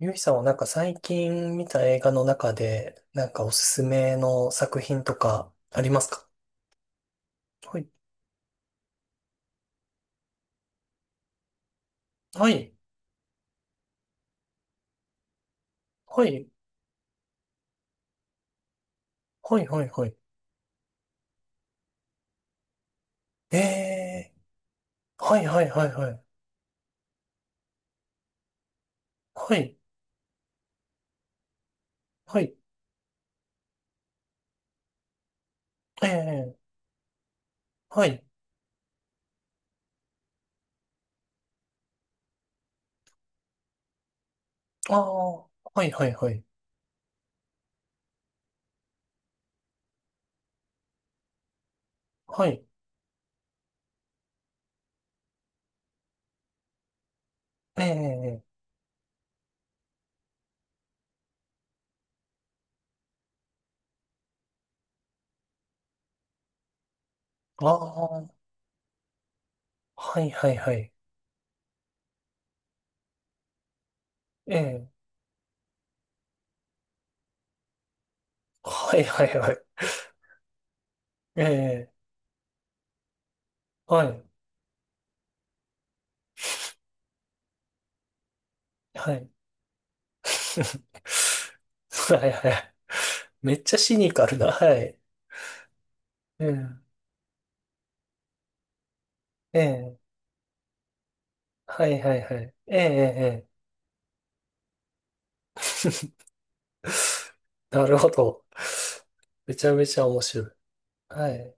ゆいさんはなんか最近見た映画の中で、なんかおすすめの作品とかありますか？はい。はい。はい。はい。はい。はい。えー。はい。はい。はい。はい。はい。はい。えー。はい。ああ。はい。はい。はい。はい。えー。ああ。はい。はい。はい。えー。はい。はい。はい。えー。はい。はい。はい。はい。めっちゃシニカルな。はい。えー。えーはいはいはい。ええ、ええ、ええ。 なるほど。めちゃめちゃ面白い。はい、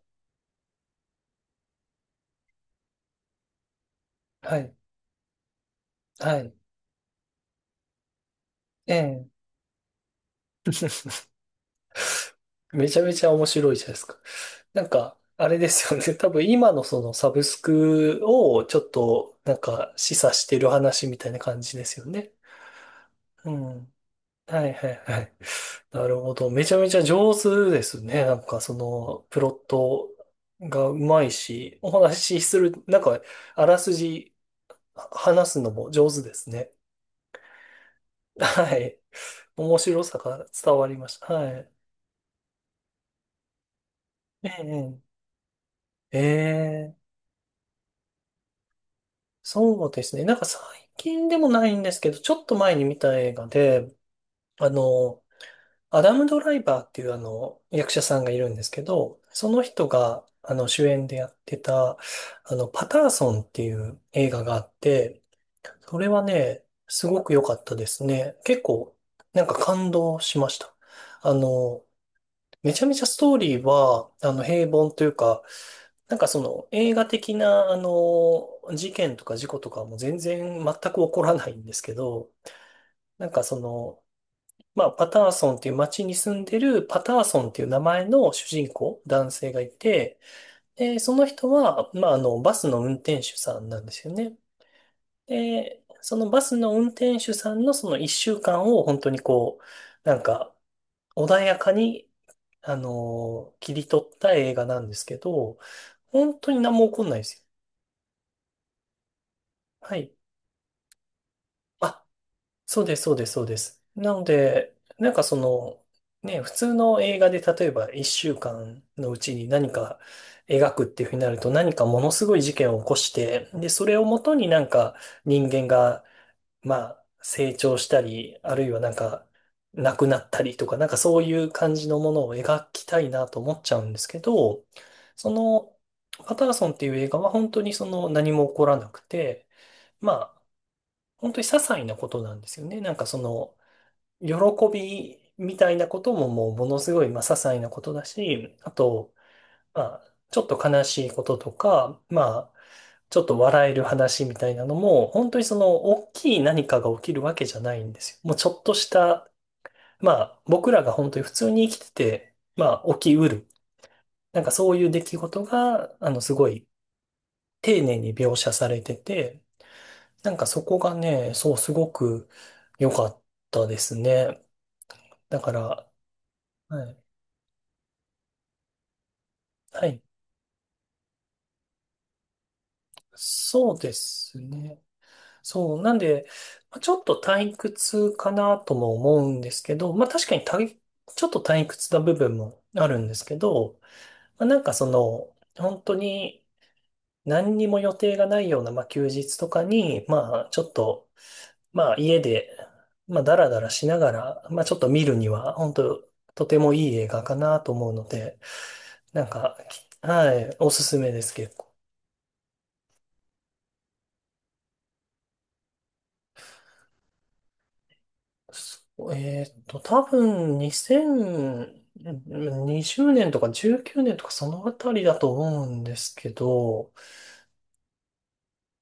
はい、はい。ええ、めちゃめちゃ面白いじゃないですか。なんか、あれですよね。多分今のそのサブスクをちょっとなんか示唆してる話みたいな感じですよね。うん。はいはいはい。なるほど。めちゃめちゃ上手ですね。なんかそのプロットがうまいし、お話しする、なんかあらすじ話すのも上手ですね。はい。面白さが伝わりました。はい。ええ、ええ、そうですね。なんか最近でもないんですけど、ちょっと前に見た映画で、あの、アダム・ドライバーっていうあの、役者さんがいるんですけど、その人が、主演でやってた、パターソンっていう映画があって、それはね、すごく良かったですね。結構、なんか感動しました。あの、めちゃめちゃストーリーは、平凡というか、なんかその映画的な、事件とか事故とかも全然全く起こらないんですけど、なんかその、まあ、パターソンっていう街に住んでるパターソンっていう名前の主人公、男性がいて、で、その人は、まあ、バスの運転手さんなんですよね。で、そのバスの運転手さんのその一週間を本当にこう、なんか、穏やかに切り取った映画なんですけど、本当に何も起こんないですよ。はい。あ、そうです、そうです、そうです。なので、なんかその、ね、普通の映画で例えば一週間のうちに何か描くっていうふうになると何かものすごい事件を起こして、で、それをもとになんか人間がまあ、成長したり、あるいはなんか、亡くなったりとか、なんかそういう感じのものを描きたいなと思っちゃうんですけど、その、パターソンっていう映画は本当にその何も起こらなくて、まあ、本当に些細なことなんですよね。なんかその、喜びみたいなことももうものすごい、まあ、些細なことだし、あと、まあ、ちょっと悲しいこととか、まあ、ちょっと笑える話みたいなのも、本当にその大きい何かが起きるわけじゃないんですよ。もうちょっとした、まあ僕らが本当に普通に生きてて、まあ起きうる。なんかそういう出来事が、あのすごい丁寧に描写されてて、なんかそこがね、そうすごく良かったですね。だから、はい。はい。そうですね。そう、なんで、まあちょっと退屈かなとも思うんですけど、まあ確かに退ちょっと退屈な部分もあるんですけど、まあなんかその、本当に何にも予定がないような、まあ休日とかに、まあちょっと、まあ家で、まあダラダラしながら、まあちょっと見るには、本当とてもいい映画かなと思うので、なんか、きはい、おすすめです結構。そう多分2020年とか19年とかそのあたりだと思うんですけど、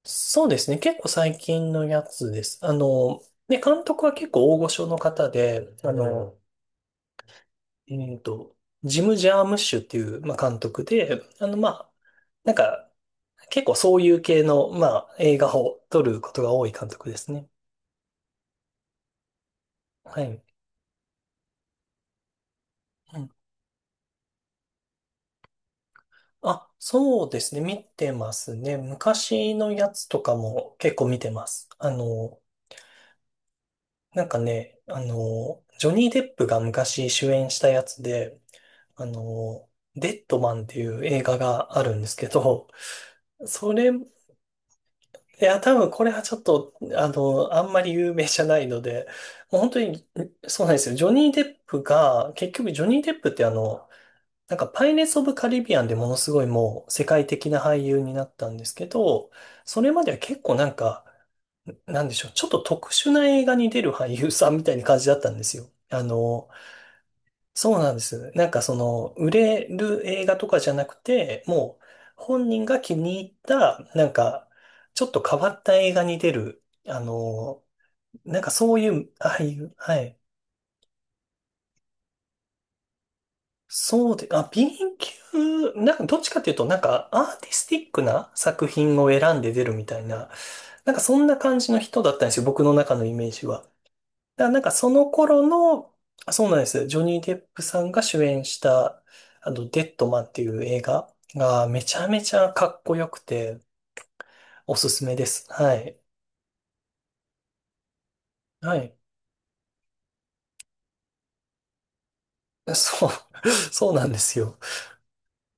そうですね、結構最近のやつです。ね、監督は結構大御所の方で、あうの、ん。ジム・ジャームッシュっていう、まあ、監督で、まあ、なんか、結構そういう系の、まあ、映画を撮ることが多い監督ですね。はい。あ、そうですね。見てますね。昔のやつとかも結構見てます。なんかね、ジョニー・デップが昔主演したやつで、あの、デッドマンっていう映画があるんですけど、それ、いや、多分これはちょっと、あんまり有名じゃないので、もう本当に、そうなんですよ。ジョニー・デップが、結局ジョニー・デップってあの、なんかパイレーツ・オブ・カリビアンでものすごいもう世界的な俳優になったんですけど、それまでは結構なんか、なんでしょう、ちょっと特殊な映画に出る俳優さんみたいな感じだったんですよ。そうなんです。なんかその、売れる映画とかじゃなくて、もう本人が気に入った、なんか、ちょっと変わった映画に出る、なんかそういう俳優、はい。そうで、あ、B&Q、なんかどっちかっていうと、なんかアーティスティックな作品を選んで出るみたいな、なんかそんな感じの人だったんですよ、僕の中のイメージは。だからなんかその頃の、あそうなんです、ジョニー・デップさんが主演した、デッドマンっていう映画がめちゃめちゃかっこよくて、おすすめです。はい。はい。そう、そうなんですよ。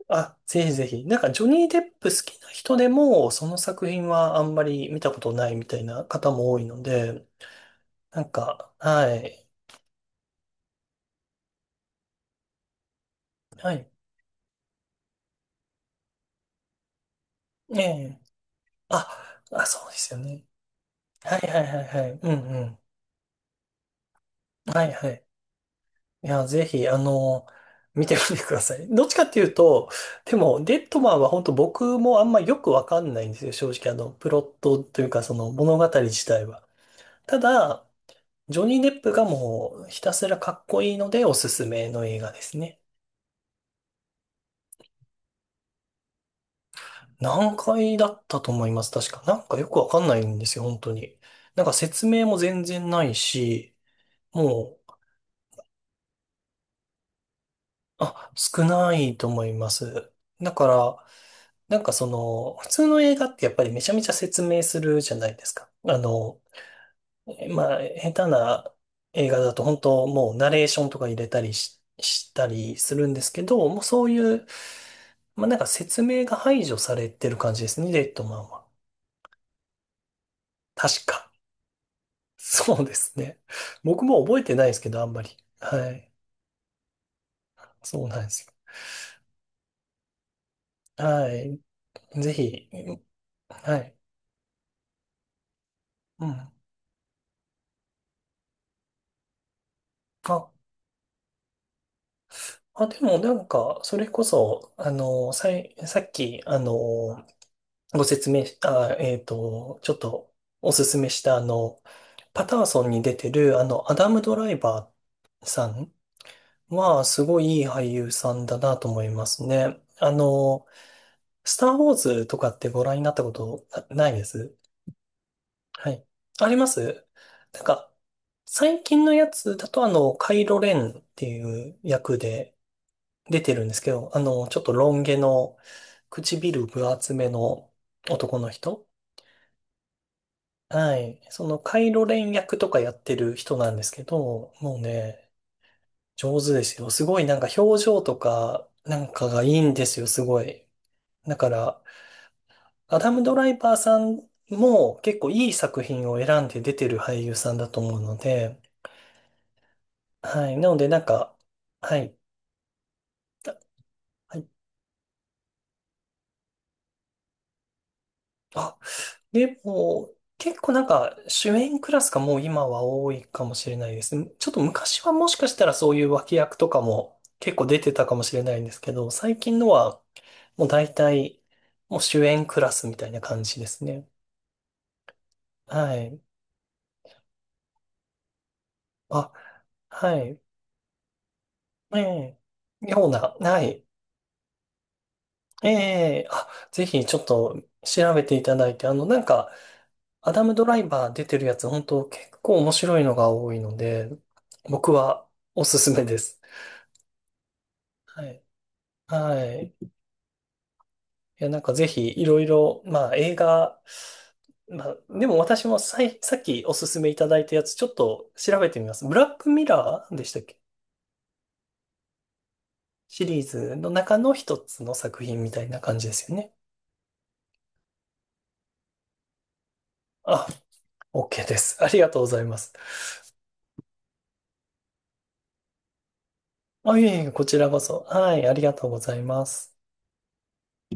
あ、ぜひぜひ。なんか、ジョニー・デップ好きな人でも、その作品はあんまり見たことないみたいな方も多いので、なんか、はい。はい。ええ。あ、あ、そうですよね。はいはいはいはい。うんうん。はいはい。いや、ぜひ、見てみてください。どっちかっていうと、でも、デッドマンは本当僕もあんまよくわかんないんですよ。正直、プロットというか、その物語自体は。ただ、ジョニー・デップがもうひたすらかっこいいのでおすすめの映画ですね。何回だったと思います、確か。なんかよくわかんないんですよ、本当に。なんか説明も全然ないし、もう、あ、少ないと思います。だから、なんかその、普通の映画ってやっぱりめちゃめちゃ説明するじゃないですか。えまあ、下手な映画だと本当もうナレーションとか入れたりし、したりするんですけど、もうそういう、まあなんか説明が排除されてる感じですね、レッドマンは。確か。そうですね。僕も覚えてないですけど、あんまり。はい。そうなんですよ。はい。ぜひ。はい。うん。あ、あ、でもなんか、それこそ、さい、さっき、ご説明し、あ、ちょっとおすすめしたあの、パターソンに出てるあの、アダム・ドライバーさんは、すごいいい俳優さんだなと思いますね。スター・ウォーズとかってご覧になったことなないですはい。ありますなんか、最近のやつだとあの、カイロ・レンっていう役で出てるんですけど、ちょっとロン毛の唇分厚めの男の人はい。その、カイロ連役とかやってる人なんですけど、もうね、上手ですよ。すごいなんか表情とか、なんかがいいんですよ、すごい。だから、アダム・ドライバーさんも結構いい作品を選んで出てる俳優さんだと思うので、はい。なのでなんか、はい。あはい。あでも、結構なんか主演クラスがもう今は多いかもしれないですね。ちょっと昔はもしかしたらそういう脇役とかも結構出てたかもしれないんですけど、最近のはもう大体もう主演クラスみたいな感じですね。はい。あ、はい。ええ。ような、はい。ええ。あ、ぜひちょっと調べていただいて、あのなんかアダムドライバー出てるやつ本当結構面白いのが多いので、僕はおすすめです。はい。はい。いや、なんかぜひいろいろ、まあ映画、まあでも私もさい、さっきおすすめいただいたやつちょっと調べてみます。ブラックミラーでしたっけ？シリーズの中の一つの作品みたいな感じですよね。あ、OK です。ありがとうございます。あ、いえいえ、こちらこそ。はい、ありがとうございます。